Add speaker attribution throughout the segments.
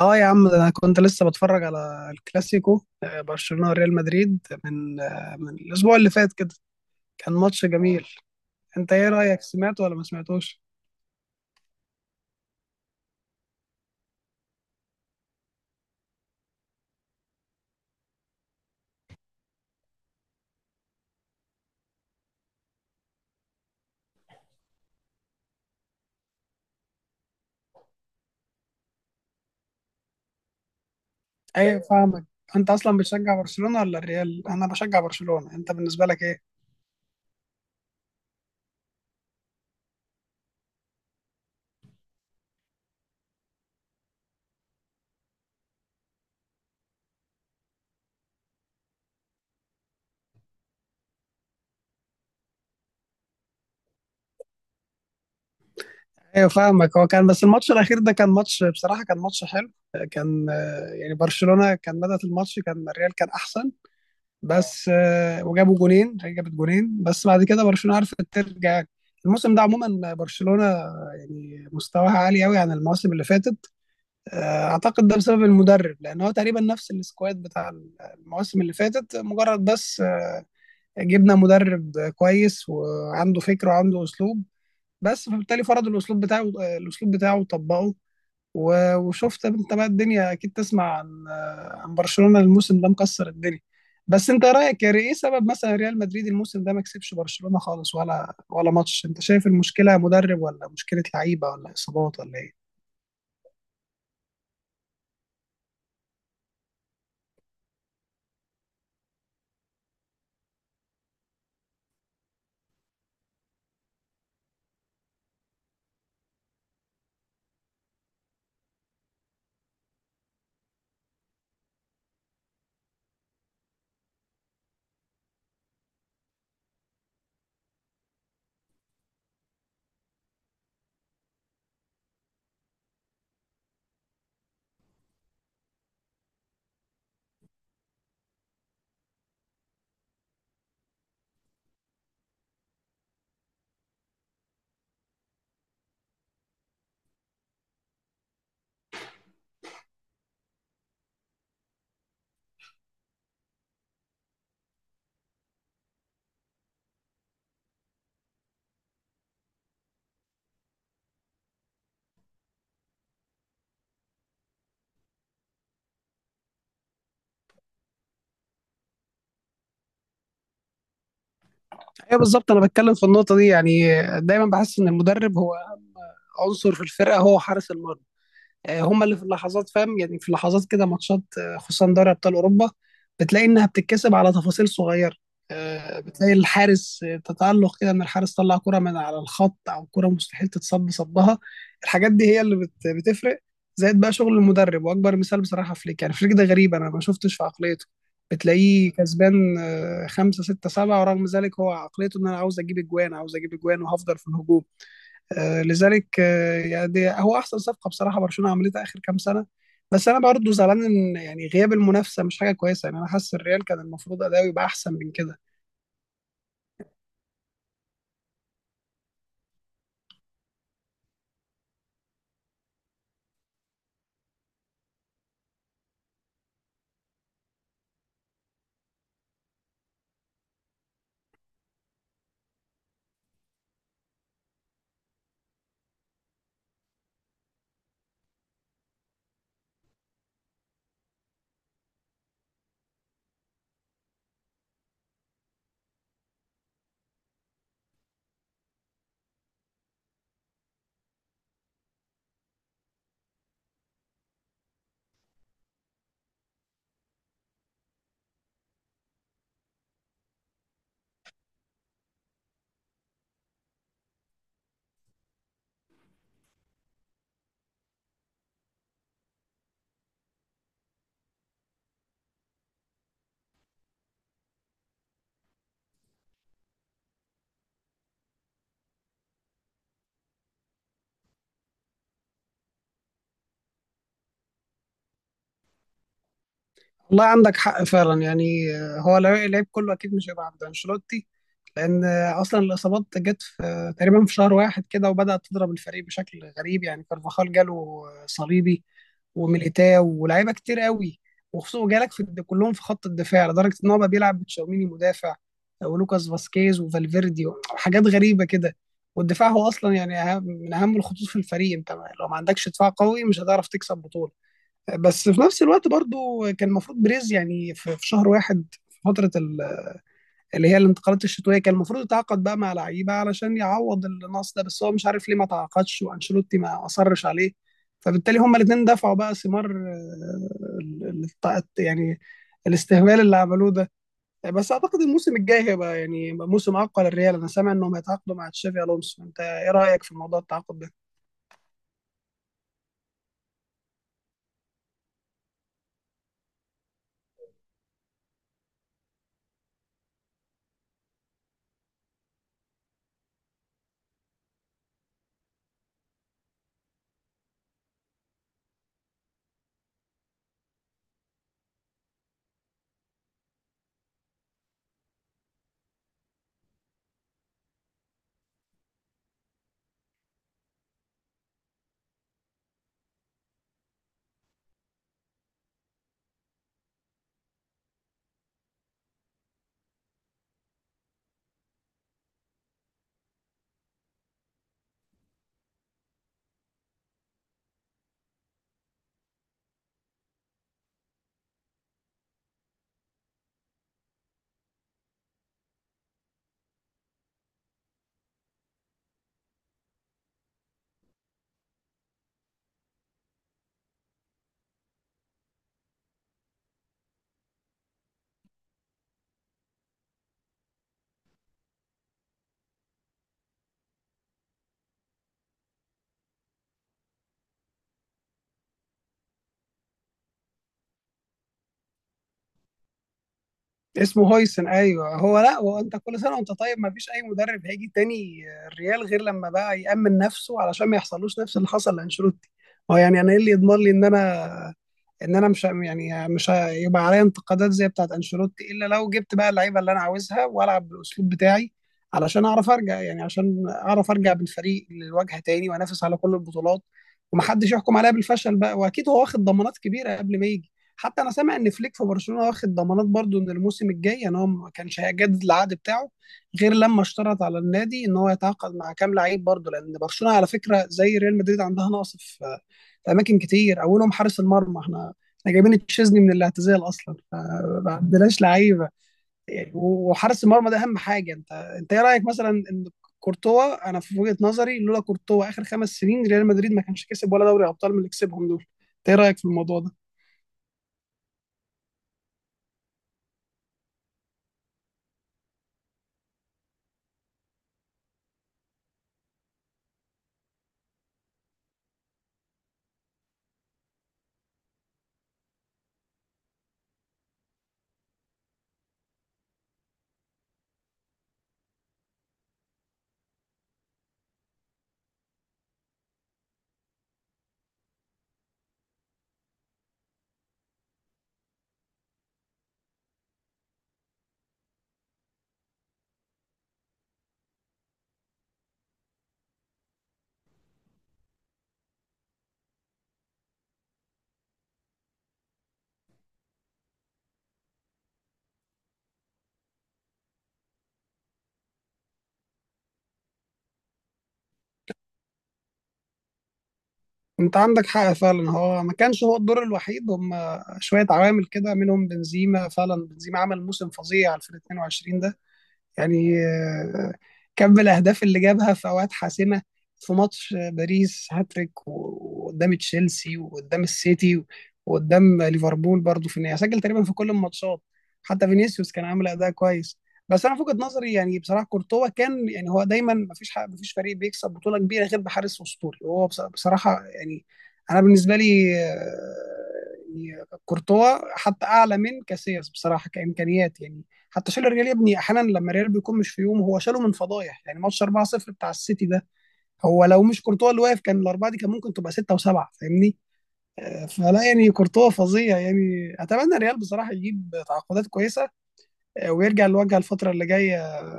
Speaker 1: اه يا عم، ده انا كنت لسه بتفرج على الكلاسيكو، برشلونة وريال مدريد من الاسبوع اللي فات كده. كان ماتش جميل. انت ايه رأيك، سمعته ولا ما سمعتوش؟ ايوه فاهمك. انت اصلا بتشجع برشلونة ولا الريال؟ انا بشجع برشلونة، انت بالنسبة لك ايه؟ ايوه فاهمك. هو كان بس الماتش الاخير ده كان ماتش، بصراحة كان ماتش حلو، كان يعني برشلونة كان بدأت الماتش، كان الريال كان احسن. بس آه، وجابوا جونين جابت جونين، بس بعد كده برشلونة عرفت ترجع يعني. الموسم ده عموما برشلونة يعني مستواها عالي قوي عن المواسم اللي فاتت. اعتقد ده بسبب المدرب، لان هو تقريبا نفس السكواد بتاع المواسم اللي فاتت، مجرد بس جبنا مدرب كويس وعنده فكر وعنده اسلوب. بس فبالتالي فرض الاسلوب بتاعه، وطبقه. وشفت انت بقى، الدنيا اكيد تسمع عن برشلونة الموسم ده مكسر الدنيا. بس انت رايك، ايه سبب مثلا ريال مدريد الموسم ده ما كسبش برشلونة خالص، ولا ماتش؟ انت شايف المشكلة مدرب، ولا مشكلة لعيبة، ولا اصابات، ولا ايه؟ ايوه بالظبط، انا بتكلم في النقطة دي يعني. دايما بحس ان المدرب هو عنصر في الفرقة، هو حارس المرمى، هما اللي في اللحظات فاهم، يعني في اللحظات كده ماتشات، خصوصا دوري ابطال اوروبا، بتلاقي انها بتتكسب على تفاصيل صغيره. بتلاقي الحارس تتألق كده، ان الحارس طلع كرة من على الخط، او كرة مستحيل تتصب صبها. الحاجات دي هي اللي بتفرق، زائد بقى شغل المدرب. واكبر مثال بصراحة فليك، يعني فليك ده غريب، انا ما شفتش في عقليته. بتلاقيه كسبان خمسة ستة سبعة، ورغم ذلك هو عقليته ان انا عاوز اجيب اجوان، وهفضل في الهجوم. لذلك، يعني هو احسن صفقه بصراحه برشلونه عملتها اخر كام سنه. بس انا برضه زعلان ان يعني غياب المنافسه مش حاجه كويسه، يعني انا حاسس الريال كان المفروض اداؤه يبقى احسن من كده. والله عندك حق فعلا، يعني اللعيب كله اكيد مش هيبقى عند انشيلوتي، لان اصلا الاصابات جت في تقريبا في شهر واحد كده، وبدات تضرب الفريق بشكل غريب، يعني كارفاخال جاله صليبي وميليتاو ولاعيبه كتير قوي، وخصوصا جالك كلهم في خط الدفاع، لدرجه ان هو بقى بيلعب بتشاوميني مدافع، ولوكاس فاسكيز وفالفيردي وحاجات غريبه كده. والدفاع هو اصلا يعني من اهم الخطوط في الفريق، انت لو ما عندكش دفاع قوي مش هتعرف تكسب بطوله. بس في نفس الوقت برضو كان المفروض بريز يعني في شهر واحد، في فتره اللي هي الانتقالات الشتويه، كان المفروض يتعاقد بقى مع لعيبه علشان يعوض النقص ده، بس هو مش عارف ليه ما تعاقدش، وانشيلوتي ما اصرش عليه، فبالتالي هما الاثنين دفعوا بقى ثمار يعني الاستهبال اللي عملوه ده. بس اعتقد الموسم الجاي هيبقى يعني موسم اقوى للريال. انا سامع انهم هيتعاقدوا مع تشافي الونسو، انت ايه رايك في موضوع التعاقد؟ اسمه هويسن. ايوه، هو لا، هو انت كل سنه وانت طيب، ما فيش اي مدرب هيجي تاني الريال غير لما بقى يأمن نفسه علشان ما يحصلوش نفس اللي حصل لانشيلوتي. هو يعني انا ايه اللي يضمن لي ان انا مش يعني مش هيبقى عليا انتقادات زي بتاعت انشيلوتي، الا لو جبت بقى اللعيبه اللي انا عاوزها، والعب بالاسلوب بتاعي علشان اعرف ارجع، يعني عشان اعرف ارجع بالفريق للواجهه تاني، وانافس على كل البطولات، ومحدش يحكم عليا بالفشل بقى. واكيد هو واخد ضمانات كبيره قبل ما يجي. حتى انا سامع ان فليك في برشلونه واخد ضمانات برضو، ان الموسم الجاي ان هو ما كانش هيجدد العقد بتاعه غير لما اشترط على النادي ان هو يتعاقد مع كام لعيب برضو، لان برشلونه على فكره زي ريال مدريد عندها نقص في اماكن كتير، اولهم حارس المرمى. احنا جايبين تشيزني من الاعتزال اصلا، ما عندناش لعيبه. يعني وحارس المرمى ده اهم حاجه، انت ايه رايك مثلا ان كورتوا، انا في وجهه نظري لولا كورتوا اخر 5 سنين ريال مدريد ما كانش كسب ولا دوري ابطال من اللي كسبهم دول. انت ايه رايك في الموضوع ده؟ انت عندك حق فعلا، هو ما كانش هو الدور الوحيد، هم شويه عوامل كده منهم بنزيما، فعلا بنزيما عمل موسم فظيع في ال 22 ده، يعني كم الأهداف اللي جابها في أوقات حاسمة، في ماتش باريس هاتريك، وقدام تشيلسي، وقدام السيتي، وقدام ليفربول برضه، في النهاية سجل تقريبا في كل الماتشات. حتى فينيسيوس كان عامل أداء كويس. بس أنا في وجهة نظري، يعني بصراحة كورتوا كان، يعني هو دايما مفيش حق، مفيش فريق بيكسب بطولة كبيرة غير بحارس أسطوري. وهو بصراحة، يعني أنا بالنسبة لي، يعني كورتوا حتى أعلى من كاسياس بصراحة كإمكانيات، يعني حتى شال الريال يا ابني احيانا، لما الريال بيكون مش في يوم هو شاله من فضايح، يعني ماتش 4-0 بتاع السيتي ده، هو لو مش كورتوا اللي واقف كان الاربعه دي كان ممكن تبقى سته وسبعه، فاهمني؟ فلا يعني كورتوا فظيع، يعني اتمنى الريال بصراحه يجيب تعاقدات كويسه، ويرجع للواجهه الفتره اللي جايه.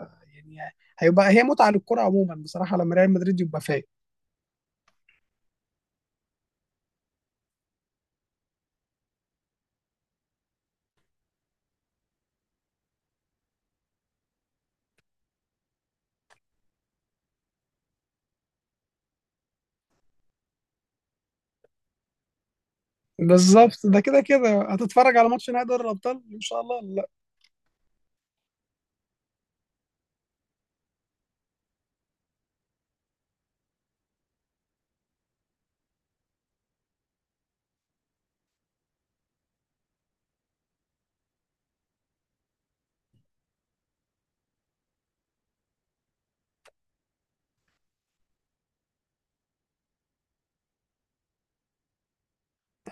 Speaker 1: يعني هيبقى هي متعه للكره عموما بصراحه لما ريال مدريد يبقى فايق. بالظبط، ده كده كده هتتفرج على ماتش نهائي دوري الابطال ان شاء الله ولا لا؟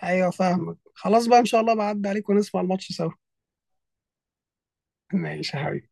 Speaker 1: ايوه فاهمك، خلاص بقى، ان شاء الله بعد عليك ونسمع الماتش سوا. ماشي يا حبيبي.